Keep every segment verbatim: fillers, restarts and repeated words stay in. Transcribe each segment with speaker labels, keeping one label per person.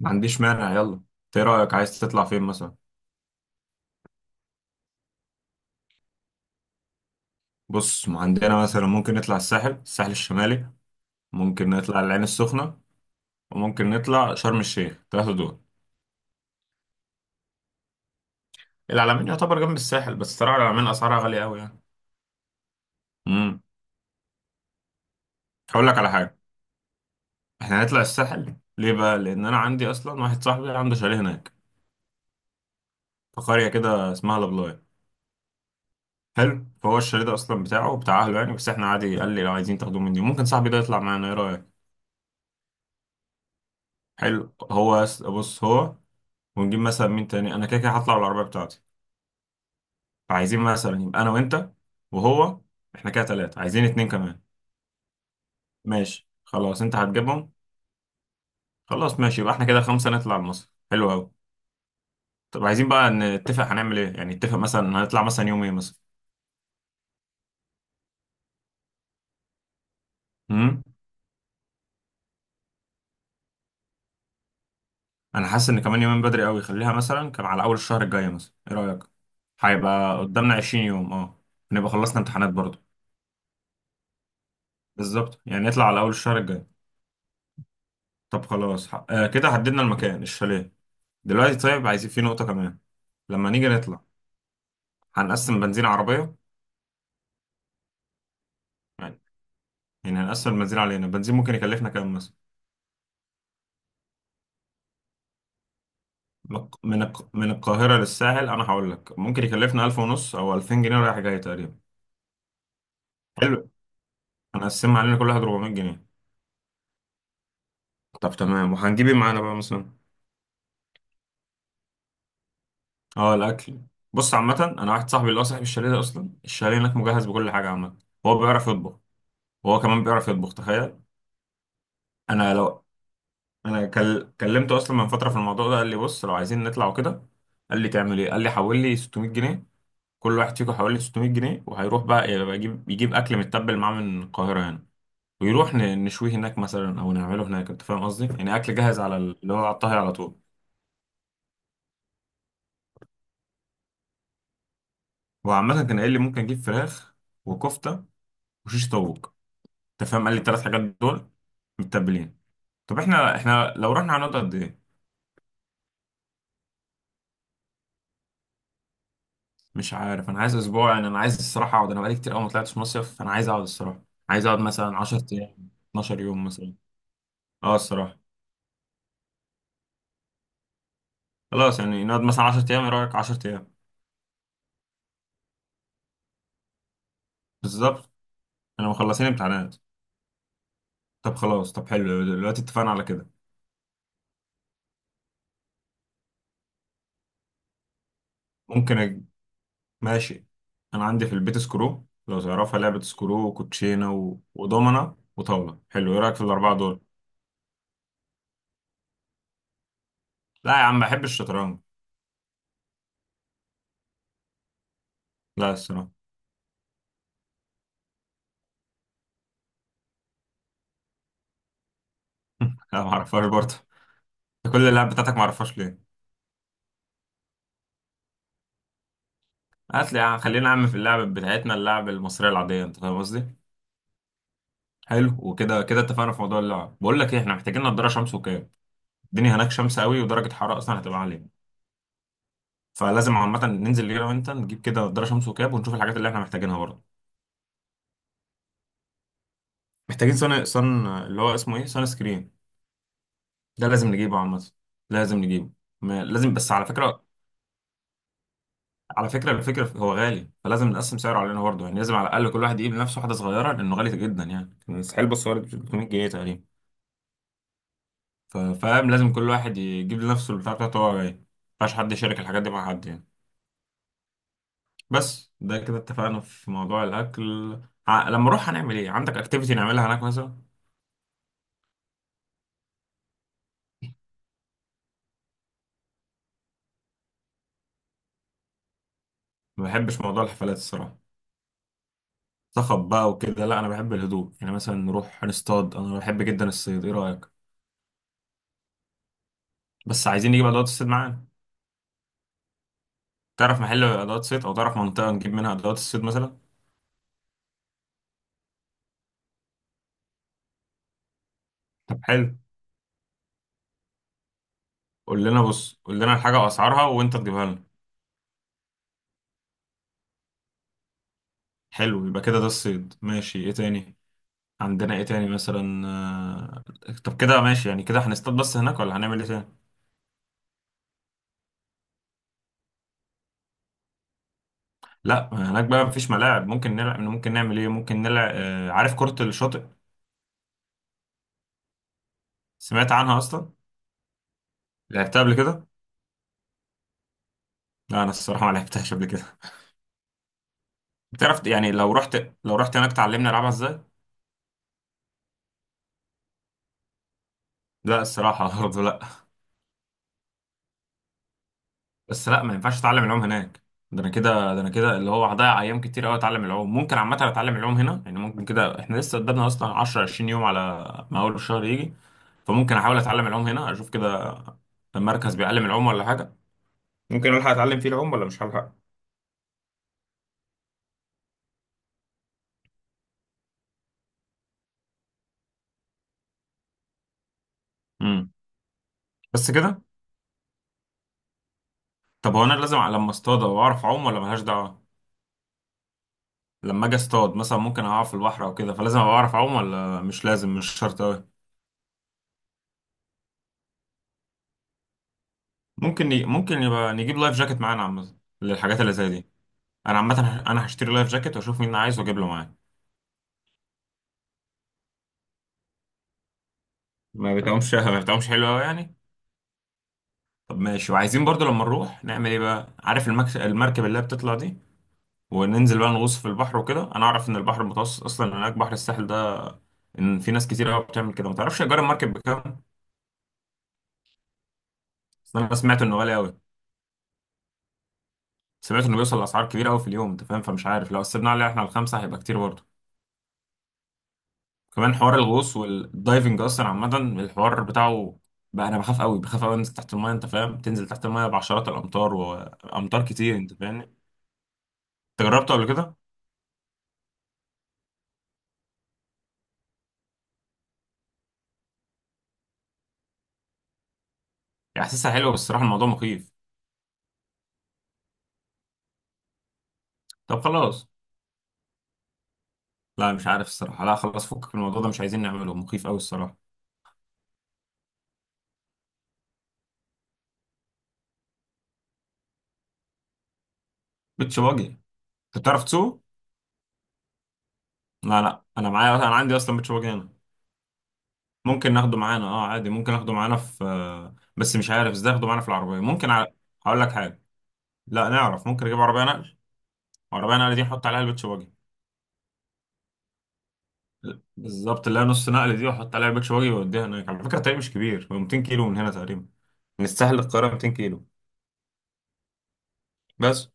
Speaker 1: ما عنديش مانع. يلا، انت ايه رأيك؟ عايز تطلع فين مثلا؟ بص، ما عندنا مثلا ممكن نطلع الساحل الساحل الشمالي. ممكن نطلع العين السخنة. وممكن نطلع شرم الشيخ، ثلاثة دول. العلمين يعتبر جنب الساحل، بس ترى العلمين اسعارها غالية قوي يعني. امم. هقول لك على حاجة. احنا هنطلع الساحل ليه بقى؟ لان انا عندي اصلا واحد صاحبي عنده شاليه هناك في قرية كده اسمها لابلاي. حلو، فهو الشاليه ده اصلا بتاعه بتاع اهله يعني، بس احنا عادي، قال لي لو عايزين تاخدوه مني ممكن صاحبي ده يطلع معانا، ايه رأيك؟ حلو، هو يس- بص هو. ونجيب مثلا مين تاني؟ انا كده كده هطلع بالعربيه بتاعتي. فعايزين مثلا يبقى انا وانت وهو. احنا كده ثلاثه، عايزين اتنين كمان. ماشي خلاص انت هتجيبهم. خلاص ماشي يبقى احنا كده خمسه نطلع مصر، حلو قوي. طب عايزين بقى نتفق هنعمل ايه، يعني نتفق مثلا هنطلع مثلا يوم ايه مثلا. امم. انا حاسس ان كمان يومين بدري قوي. خليها مثلا كان على اول الشهر الجاي مثلا، ايه رايك؟ هيبقى قدامنا 20 يوم، اه. نبقى خلصنا امتحانات برضه. بالظبط، يعني نطلع على اول الشهر الجاي. طب خلاص ح- آه كده حددنا المكان، الشاليه. دلوقتي طيب عايزين في نقطة كمان. لما نيجي نطلع هنقسم بنزين عربية. يعني يعني هنقسم البنزين علينا. البنزين ممكن يكلفنا كام مثلا؟ من من الق- من القاهرة للساحل أنا هقول لك ممكن يكلفنا ألف ونص أو ألفين جنيه رايح جاي تقريبا. حلو. هنقسمها علينا، كل واحد أربعمائة جنيه. طب تمام، وهنجيب ايه معانا بقى مثلا؟ اه، الأكل. بص، عامة أنا واحد صاحبي اللي هو صاحب الشاليه ده أصلا، الشاليه هناك مجهز بكل حاجة عامة. هو بيعرف يطبخ. وهو كمان بيعرف يطبخ، تخيل. أنا لو. انا كل... كلمته اصلا من فتره في الموضوع ده، قال لي بص لو عايزين نطلع وكده. قال لي تعمل ايه؟ قال لي حول لي ستمائة جنيه. كل واحد فيكم حول لي ستمية جنيه وهيروح بقى، يبقى يجيب يجيب اكل متبل معاه من القاهره يعني. ويروح ن... نشويه هناك مثلا او نعمله هناك، انت فاهم قصدي، يعني اكل جاهز على ال- اللي هو على الطهي على طول. هو عامه كان قايل لي ممكن اجيب فراخ وكفته وشيش طاووق، انت فاهم، قال لي الثلاث حاجات دول متبلين. طب احنا احنا لو رحنا هنقعد قد ايه؟ مش عارف، انا عايز اسبوع يعني. انا عايز الصراحه اقعد، انا بقالي كتير قوي ما طلعتش مصيف، فانا عايز اقعد الصراحه. عايز اقعد مثلا 10 ايام، 12 يوم مثلا. اه الصراحه. خلاص، يعني نقعد مثلا 10 ايام، ايه رايك؟ 10 ايام. بالظبط. انا مخلصين امتحانات. طب خلاص، طب حلو، دلوقتي اتفقنا على كده. ممكن أج... ماشي. انا عندي في البيت سكرو، لو تعرفها لعبه سكرو، وكوتشينه و... ودومنه وطاوله، حلو، ايه رايك في الاربعه دول؟ لا يا عم، بحب الشطرنج. لا الصراحه لا، ما اعرفهاش برضه. أنت كل اللعب بتاعتك ما اعرفهاش ليه؟ هات لي يا عم، خلينا عم في اللعب بتاعتنا، اللعب المصرية العادية، انت فاهم قصدي؟ حلو، وكده كده اتفقنا في موضوع اللعب. بقول لك ايه، احنا محتاجين نضارة شمس وكاب. الدنيا هناك شمس قوي ودرجة حرارة اصلا هتبقى عالية. فلازم عامة ننزل انا وانت، نجيب كده نضارة شمس وكاب، ونشوف الحاجات اللي احنا محتاجينها برضه. محتاجين صن صن اللي هو اسمه ايه؟ صن سكرين. ده لازم نجيبه عامة. لازم نجيبه. ما... لازم، بس على فكرة. على فكرة الفكرة هو غالي، فلازم نقسم سعره علينا برضه يعني. لازم على الأقل كل واحد يجيب لنفسه واحدة صغيرة، لأنه غالي جدا يعني مستحيل. بص هو ثلاثمية جنيه تقريبا. ف- فاهم، لازم كل واحد يجيب لنفسه البتاع بتاعته هو جاي. مينفعش حد يشارك الحاجات دي مع حد يعني. بس ده كده اتفقنا في موضوع الأكل. ع- لما أروح هنعمل إيه؟ عندك أكتيفيتي نعملها هناك مثلا؟ ما بحبش موضوع الحفلات الصراحة. صخب بقى وكده، لا أنا بحب الهدوء يعني. مثلا نروح نصطاد، أنا بحب جدا الصيد، إيه رأيك؟ بس عايزين نجيب أدوات الصيد معانا. تعرف محل أدوات صيد أو تعرف منطقة نجيب منها أدوات الصيد مثلا؟ طب حلو، قول لنا بص، قول لنا الحاجة وأسعارها وأنت تجيبها لنا. حلو يبقى كده، ده الصيد ماشي. إيه تاني؟ عندنا ايه تاني مثلا؟ آه، طب كده ماشي يعني، كده هنصطاد بس هناك ولا هنعمل ايه تاني؟ لا، هناك بقى مفيش ملاعب. ممكن نلعب، ممكن نعمل ايه؟ ممكن نلعب، آه، عارف كرة الشاطئ. سمعت عنها اصلا. لعبتها قبل كده. لا انا الصراحة ما لعبتهاش قبل كده بتعرف يعني لو رحت لو رحت هناك تعلمني العبها ازاي. لا الصراحة برضه لا. بس لا، ما ينفعش اتعلم العوم هناك. ده انا كده ده انا كده اللي هو هضيع ايام كتير قوي اتعلم العوم. ممكن عامه اتعلم العوم هنا يعني. ممكن كده احنا لسه قدامنا اصلا عشر عشرين يوم على ما اول الشهر يجي. فممكن احاول اتعلم العوم هنا، اشوف كده مركز بيعلم العوم ولا حاجه. ممكن الحق اتعلم فيه العوم ولا مش هلحق؟ امم. بس كده. طب هو انا لازم أ- لما اصطاد واعرف اعوم ولا ملهاش دعوه؟ لما اجي اصطاد مثلا ممكن اقع في البحر او كده، فلازم ابقى اعرف اعوم ولا مش لازم؟ مش شرط قوي. ممكن ي... ممكن يبقى نجيب لايف جاكيت معانا عامه للحاجات اللي زي دي. انا عامه هش- انا هشتري لايف جاكيت واشوف مين عايز واجيب له معايا. ما بتعومش ما بتعومش، حلو قوي يعني. طب ماشي، وعايزين برضو لما نروح نعمل ايه بقى؟ عارف المكس... المركب اللي هي بتطلع دي، وننزل بقى نغوص في البحر وكده. انا اعرف ان البحر المتوسط اصلا هناك بحر الساحل ده، ان في ناس كتير قوي بتعمل كده. ما تعرفش ايجار المركب بكام؟ بس انا سمعت انه غالي قوي. سمعت انه بيوصل لاسعار كبيره قوي في اليوم، انت فاهم، فمش عارف لو قسمنا عليه احنا الخمسه هيبقى كتير برضه. كمان حوار الغوص والدايفنج اصلا، عامه الحوار بتاعه بقى انا بخاف قوي، بخاف قوي انزل تحت المايه. انت فاهم، تنزل تحت المايه بعشرات الامتار وامتار كتير، انت فاهم انت. جربته قبل كده. يعني احساسها حلو بس الصراحه الموضوع مخيف. طب خلاص. لا مش عارف الصراحه، لا خلاص، فكك من الموضوع ده، مش عايزين نعمله، مخيف قوي الصراحه. بيتش باجي. انت بتعرف تسوق؟ لا لا، انا معايا انا عندي اصلا بيتش باجي هنا. ممكن ناخده معانا، اه عادي. ممكن ناخده معانا في آه، بس مش عارف ازاي ناخده معانا في العربيه ممكن ع... هقول لك حاجه. لا نعرف، ممكن نجيب عربيه نقل. عربية نقل دي احط عليها البيتش باجي. بالظبط اللي هي نص نقل دي، واحط عليها البيتش باجي واوديها هناك. على فكرة الطريق مش كبير، هو 200 كيلو من هنا تقريبا، من الساحل للقاهرة 200 كيلو بس.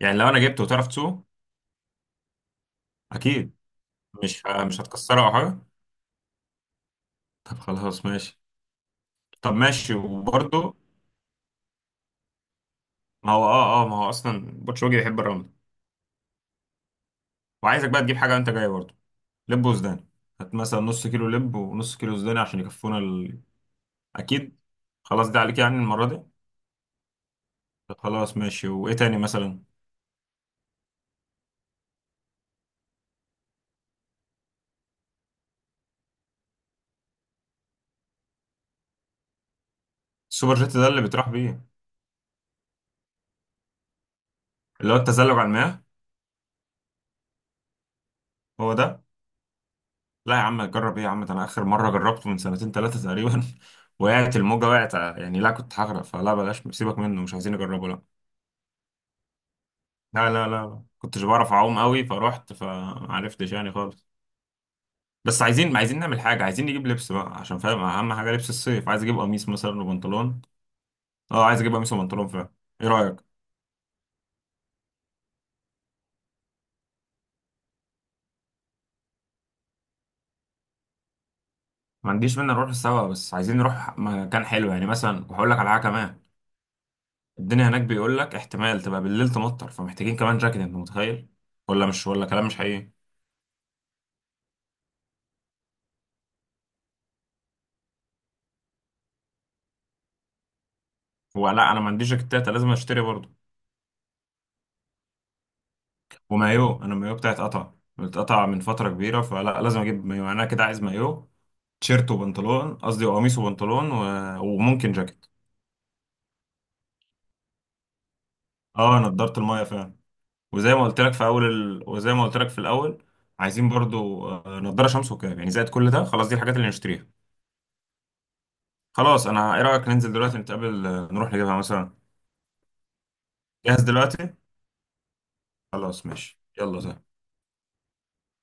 Speaker 1: يعني لو انا جبته وتعرف تسوقه. اكيد. مش ه- مش هتكسره او حاجة. طب خلاص ماشي. طب ماشي وبرضه، ما هو اه اه ما هو اصلا البيتش باجي بيحب الرمل. وعايزك بقى تجيب حاجة وانت جاي برضه، لب وسوداني. هات مثلا نص كيلو لب ونص كيلو سوداني عشان يكفونا ال... اكيد. خلاص، ده عليك يعني المرة دي. طب خلاص ماشي، وايه تاني مثلا؟ السوبر جيت ده اللي بتروح بيه؟ اللي هو التزلج على المياه. هو ده. لا يا عم، جرب ايه يا عم، ده انا اخر مره جربته من سنتين ثلاثه تقريبا وقعت الموجه، وقعت يعني، لا كنت هغرق فلا، بلاش سيبك منه، مش عايزين نجربه، لا. لا لا لا كنتش بعرف اعوم قوي فروحت فمعرفتش يعني خالص. بس عايزين عايزين نعمل حاجه. عايزين نجيب لبس بقى عشان فاهم اهم حاجه لبس الصيف، عايز اجيب قميص مثلا وبنطلون. اه عايز اجيب قميص وبنطلون فعلا. ايه رايك؟ ما عنديش مانع نروح سوا، بس عايزين نروح مكان حلو يعني مثلا. وهقول لك على حاجه كمان. الدنيا هناك بيقول لك احتمال تبقى بالليل تمطر، فمحتاجين كمان جاكيت، انت متخيل ولا مش، ولا كلام مش حقيقي؟ هو لا، انا ما عنديش جاكيتات، لازم اشتري برضه. ومايو، انا المايو بتاعي اتقطع، اتقطع من فتره كبيره، فلا لازم اجيب مايو يعني، انا كده عايز مايو، تيشيرت وبنطلون، قصدي قميص وبنطلون و... وممكن جاكيت. اه نضاره المايه فعلا. وزي ما قلت لك في اول ال... وزي ما قلت لك في الاول، عايزين برضو آه، نضاره شمس وكاب، يعني زائد كل ده. خلاص دي الحاجات اللي نشتريها. خلاص انا، ايه رايك ننزل دلوقتي نتقابل آه، نروح نجيبها مثلا؟ جاهز دلوقتي. خلاص ماشي، يلا سلام.